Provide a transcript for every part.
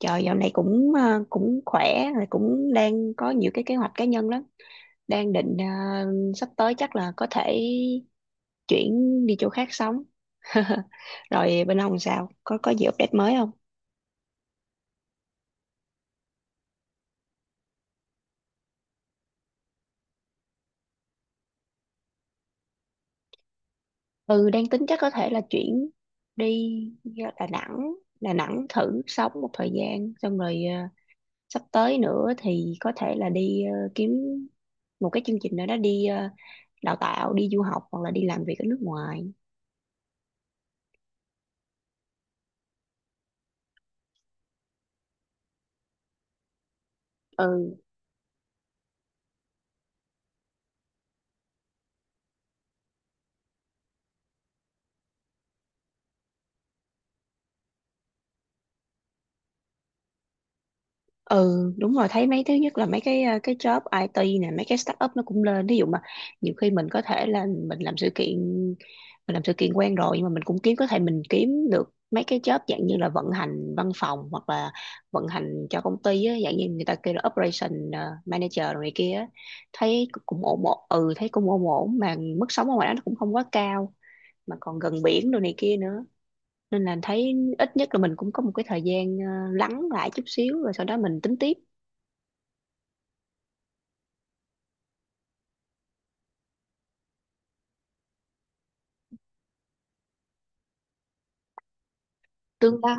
Trời dạo này cũng khỏe rồi, cũng đang có nhiều cái kế hoạch cá nhân lắm. Đang sắp tới chắc là có thể chuyển đi chỗ khác sống. Rồi bên ông sao? Có gì update mới không? Ừ, đang tính chắc có thể là chuyển đi Đà Nẵng, Đà Nẵng thử sống một thời gian xong rồi sắp tới nữa thì có thể là kiếm một cái chương trình nào đó đào tạo, đi du học hoặc là đi làm việc ở nước ngoài. Ừ. Ừ, đúng rồi, thấy mấy thứ nhất là mấy cái job IT nè, mấy cái startup nó cũng lên. Ví dụ mà nhiều khi mình có thể là mình làm sự kiện, mình làm sự kiện quen rồi nhưng mà mình cũng kiếm, có thể mình kiếm được mấy cái job dạng như là vận hành văn phòng hoặc là vận hành cho công ty á, dạng như người ta kêu là operation manager rồi này kia á. Thấy cũng ổn ổn ừ, thấy cũng ổn ổn mà mức sống ở ngoài đó nó cũng không quá cao, mà còn gần biển đồ này kia nữa, nên là thấy ít nhất là mình cũng có một cái thời gian lắng lại chút xíu rồi sau đó mình tính tiếp. Tương đương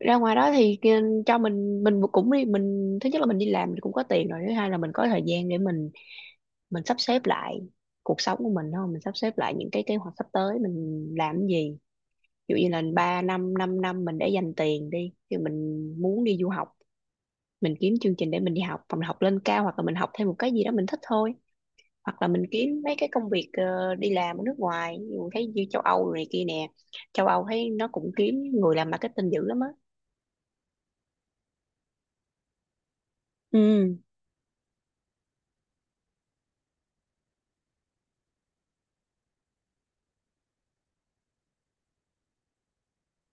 ra ngoài đó cho mình cũng đi, mình thứ nhất là mình đi làm mình cũng có tiền rồi, thứ hai là mình có thời gian để mình sắp xếp lại cuộc sống của mình, không, mình sắp xếp lại những cái kế hoạch sắp tới mình làm cái gì. Ví dụ như là 3 năm 5 năm năm mình để dành tiền đi thì mình muốn đi du học, mình kiếm chương trình để mình đi học hoặc mình học lên cao hoặc là mình học thêm một cái gì đó mình thích thôi, hoặc là mình kiếm mấy cái công việc đi làm ở nước ngoài. Ví dụ thấy như châu Âu rồi này kia nè, châu Âu thấy nó cũng kiếm người làm marketing dữ lắm á. Ừ.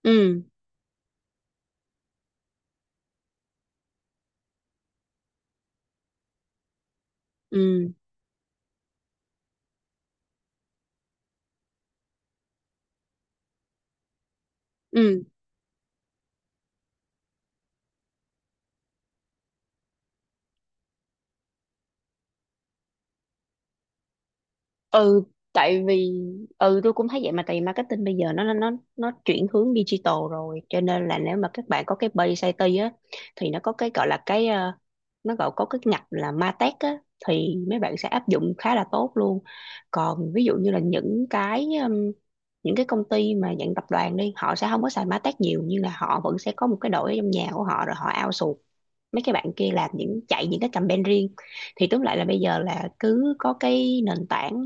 Ừ ừ ừ ừ. Tại vì ừ, tôi cũng thấy vậy mà, tại vì marketing bây giờ nó chuyển hướng digital rồi, cho nên là nếu mà các bạn có cái base IT á thì nó có cái gọi là nó gọi có cái ngạch là MarTech á, thì mấy bạn sẽ áp dụng khá là tốt luôn. Còn ví dụ như là những cái công ty mà dạng tập đoàn đi, họ sẽ không có xài MarTech nhiều nhưng là họ vẫn sẽ có một cái đội ở trong nhà của họ rồi họ outsource mấy cái bạn kia làm những, chạy những cái campaign riêng. Thì tóm lại là bây giờ là cứ có cái nền tảng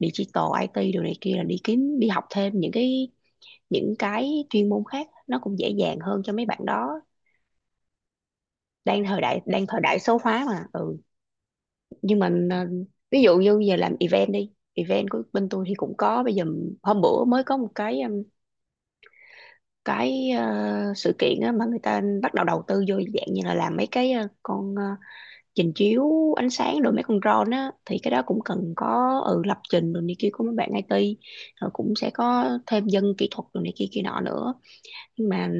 digital IT đồ này kia là đi kiếm đi học thêm những cái chuyên môn khác nó cũng dễ dàng hơn cho mấy bạn đó. Đang thời đại đang thời đại số hóa mà, ừ. nhưng mà ờ, ví dụ như giờ làm event, đi event của bên tôi thì cũng có bây giờ, hôm bữa mới có một sự kiện á, mà người ta bắt đầu đầu tư vô dạng như là làm mấy trình chiếu ánh sáng rồi mấy con drone á, thì cái đó cũng cần có ừ, lập trình rồi này kia của mấy bạn IT, rồi cũng sẽ có thêm dân kỹ thuật rồi này kia kia nọ nữa. Nhưng mà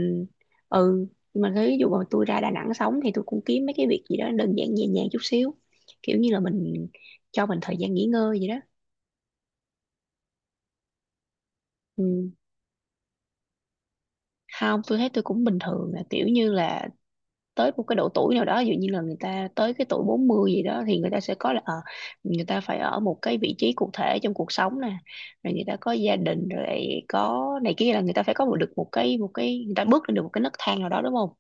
ừ, nhưng mà ví dụ mà tôi ra Đà Nẵng sống thì tôi cũng kiếm mấy cái việc gì đó đơn giản nhẹ nhàng chút xíu, kiểu như là mình cho mình thời gian nghỉ ngơi vậy đó. Ừ. Không, tôi thấy tôi cũng bình thường, là kiểu như là tới một cái độ tuổi nào đó, ví dụ như là người ta tới cái tuổi 40 gì đó thì người ta sẽ có là ờ, người ta phải ở một cái vị trí cụ thể trong cuộc sống nè, rồi người ta có gia đình rồi, có này kia, là người ta phải có một, được một cái người ta bước lên được một cái nấc thang nào đó, đúng không.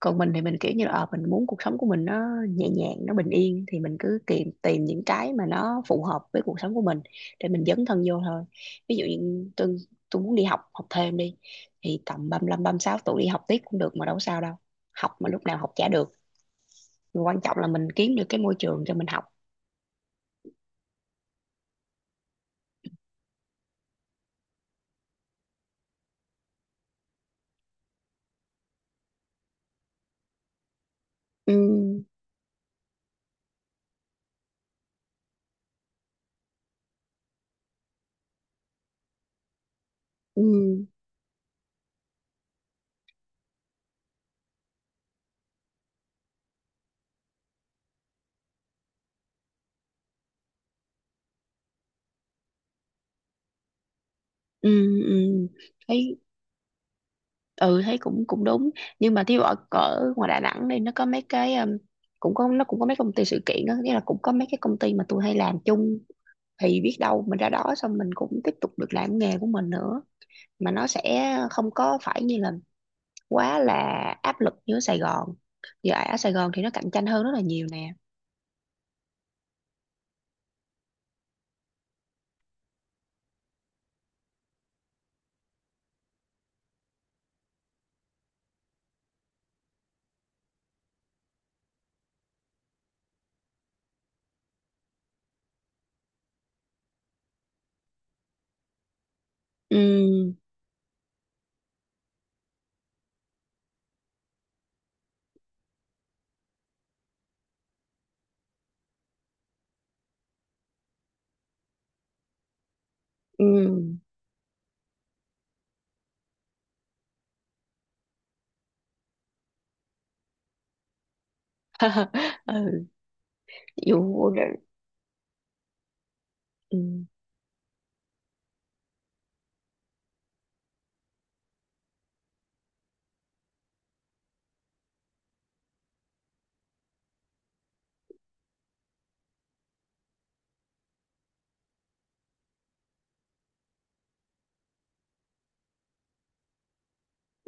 Còn mình thì mình kiểu như là ờ, mình muốn cuộc sống của mình nó nhẹ nhàng nó bình yên thì mình cứ tìm tìm những cái mà nó phù hợp với cuộc sống của mình để mình dấn thân vô thôi. Ví dụ như tôi muốn đi học, học thêm đi thì tầm 35 sáu tuổi đi học tiếp cũng được mà, đâu có sao đâu, học mà lúc nào học chả được, quan trọng là mình kiếm được cái môi trường cho mình học. Ừ ừ ừ ừ. Thấy, ừ, thấy cũng cũng đúng, nhưng mà thí dụ ở ngoài Đà Nẵng đây nó có mấy cái cũng có, nó cũng có mấy công ty sự kiện đó, nghĩa là cũng có mấy cái công ty mà tôi hay làm chung, thì biết đâu mình ra đó xong mình cũng tiếp tục được làm nghề của mình nữa, mà nó sẽ không có phải như là quá là áp lực như ở Sài Gòn. Giờ ở Sài Gòn thì nó cạnh tranh hơn rất là nhiều nè. Ừ. Ừ. Ừ. Dù ừ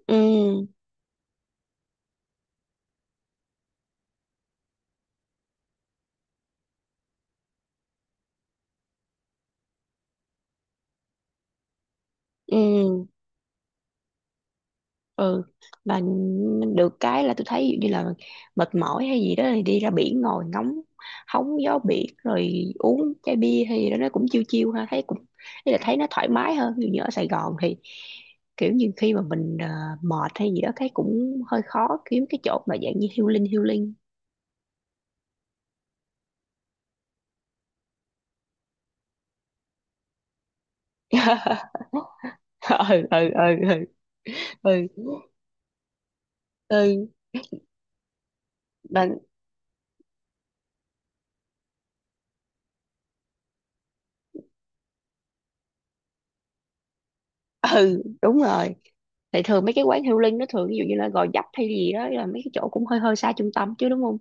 ừ ừ ừ, mà được cái là tôi thấy ví dụ như là mệt mỏi hay gì đó thì đi ra biển ngồi ngóng hóng gió biển rồi uống chai bia hay gì đó nó cũng chiêu chiêu ha, thấy cũng, ý là thấy nó thoải mái hơn. Ví dụ như ở Sài Gòn thì kiểu như khi mà mệt hay gì đó cái cũng hơi khó kiếm cái chỗ mà dạng như healing healing. Ừ ừ ừ ừ ừ ừ. Mà- ừ đúng rồi, thì thường mấy cái quán healing nó thường ví dụ như là Gò Vấp hay gì đó, là mấy cái chỗ cũng hơi hơi xa trung tâm chứ đúng không,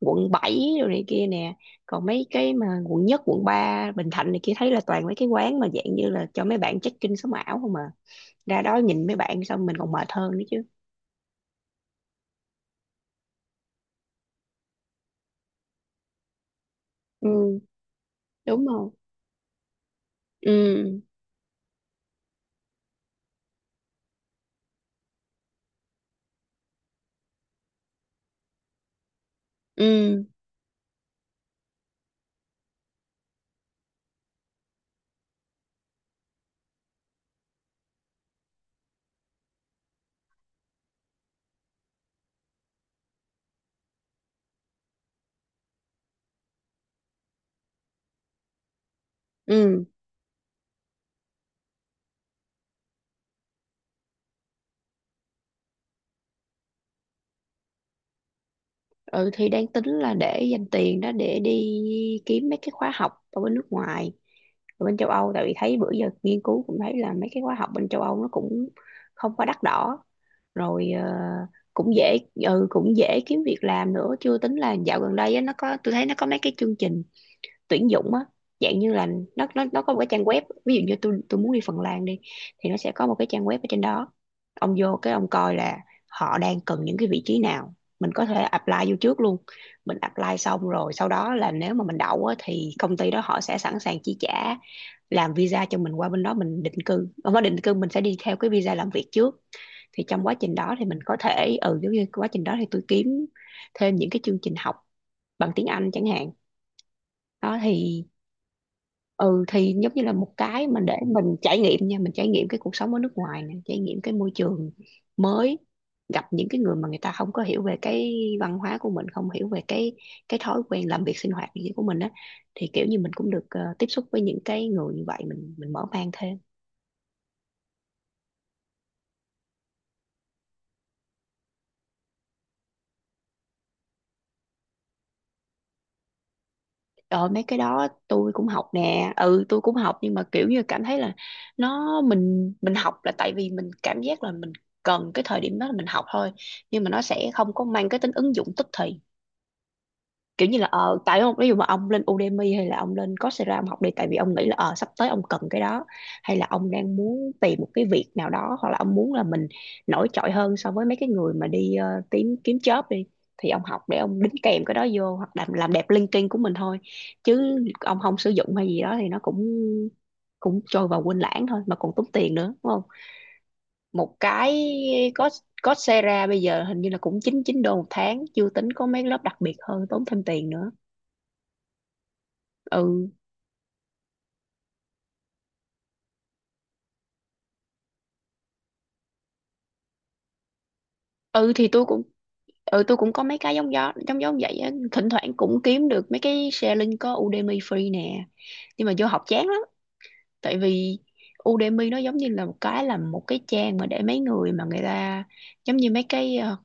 quận 7 rồi này kia nè. Còn mấy cái mà quận 1, quận 3, Bình Thạnh này kia thấy là toàn mấy cái quán mà dạng như là cho mấy bạn check-in sống ảo không à, ra đó nhìn mấy bạn xong mình còn mệt hơn nữa chứ. Ừ đúng không. Ừ ừ ừ ừ, thì đang tính là để dành tiền đó để đi kiếm mấy cái khóa học ở bên nước ngoài, ở bên châu Âu, tại vì thấy bữa giờ nghiên cứu cũng thấy là mấy cái khóa học bên châu Âu nó cũng không quá đắt đỏ, rồi ờ, cũng dễ, ừ, cũng dễ kiếm việc làm nữa. Chưa tính là dạo gần đây á, nó có, tôi thấy nó có mấy cái chương trình tuyển dụng á, dạng như là nó có một cái trang web. Ví dụ như tôi muốn đi Phần Lan đi, thì nó sẽ có một cái trang web ở trên đó, ông vô cái ông coi là họ đang cần những cái vị trí nào, mình có thể apply vô trước luôn. Mình apply xong rồi sau đó là nếu mà mình đậu á, thì công ty đó họ sẽ sẵn sàng chi trả làm visa cho mình qua bên đó mình định cư, không phải định cư, mình sẽ đi theo cái visa làm việc trước. Thì trong quá trình đó thì mình có thể ừ, giống như quá trình đó thì tôi kiếm thêm những cái chương trình học bằng tiếng Anh chẳng hạn. Đó thì ừ, thì giống như là một cái mà để mình trải nghiệm nha, mình trải nghiệm cái cuộc sống ở nước ngoài nè, trải nghiệm cái môi trường mới, gặp những cái người mà người ta không có hiểu về cái văn hóa của mình, không hiểu về cái thói quen làm việc sinh hoạt gì của mình á, thì kiểu như mình cũng được tiếp xúc với những cái người như vậy mình mở mang thêm. Rồi mấy cái đó tôi cũng học nè, ừ tôi cũng học, nhưng mà kiểu như cảm thấy là nó, mình học là tại vì mình cảm giác là mình cần cái thời điểm đó là mình học thôi, nhưng mà nó sẽ không có mang cái tính ứng dụng tức thì. Kiểu như là ờ, tại ông ví dụ mà ông lên Udemy hay là ông lên Coursera ông học đi, tại vì ông nghĩ là ờ, sắp tới ông cần cái đó, hay là ông đang muốn tìm một cái việc nào đó, hoặc là ông muốn là mình nổi trội hơn so với mấy cái người mà tìm kiếm job đi, thì ông học để ông đính kèm cái đó vô hoặc làm đẹp LinkedIn của mình thôi, chứ ông không sử dụng hay gì đó thì nó cũng cũng trôi vào quên lãng thôi mà còn tốn tiền nữa đúng không. Một cái có, Coursera bây giờ hình như là cũng 99 đô một tháng, chưa tính có mấy lớp đặc biệt hơn tốn thêm tiền nữa. Ừ ừ, thì tôi cũng, ừ tôi cũng có mấy cái giống gió giống giống vậy á, thỉnh thoảng cũng kiếm được mấy cái sharing có Udemy free nè, nhưng mà vô học chán lắm, tại vì Udemy nó giống như là một cái trang mà để mấy người mà người ta, giống như mấy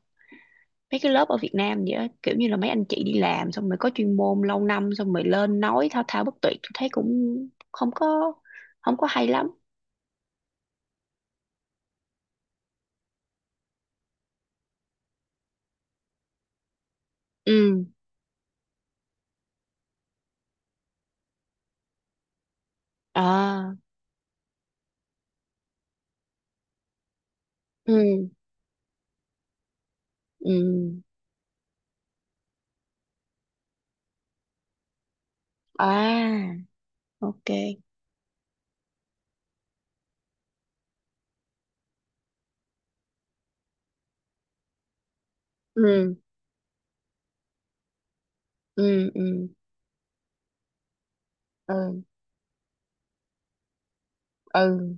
mấy cái lớp ở Việt Nam vậy á, kiểu như là mấy anh chị đi làm xong rồi có chuyên môn lâu năm xong rồi lên nói thao thao bất tuyệt, tôi thấy cũng không có không có hay lắm. Ừ. À. Ừ ừ. À ok. Ừ ừ ừ ừ ừ.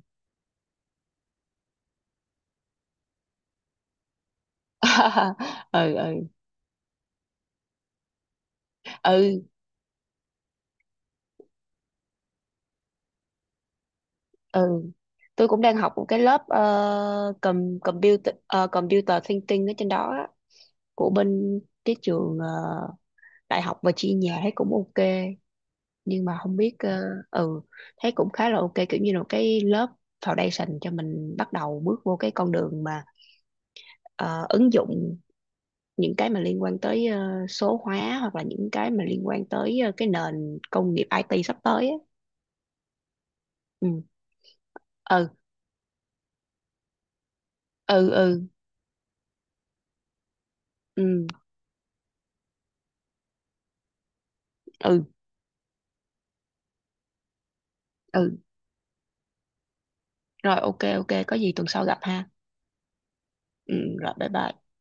Ừ ừ ừ ừ, tôi cũng đang học một cái lớp computer thinking ở trên đó á, của bên cái trường đại học và chi nhà, thấy cũng ok, nhưng mà không biết ờ, ừ, thấy cũng khá là ok, kiểu như là một cái lớp foundation cho mình bắt đầu bước vô cái con đường mà ờ, ứng dụng những cái mà liên quan tới ờ, số hóa, hoặc là những cái mà liên quan tới ờ, cái nền công nghiệp IT sắp tới á. Ừ ừ ừ ừ ừ ừ ừ. Rồi ok ok, có gì tuần sau gặp ha. Ừ. Rồi bye bye.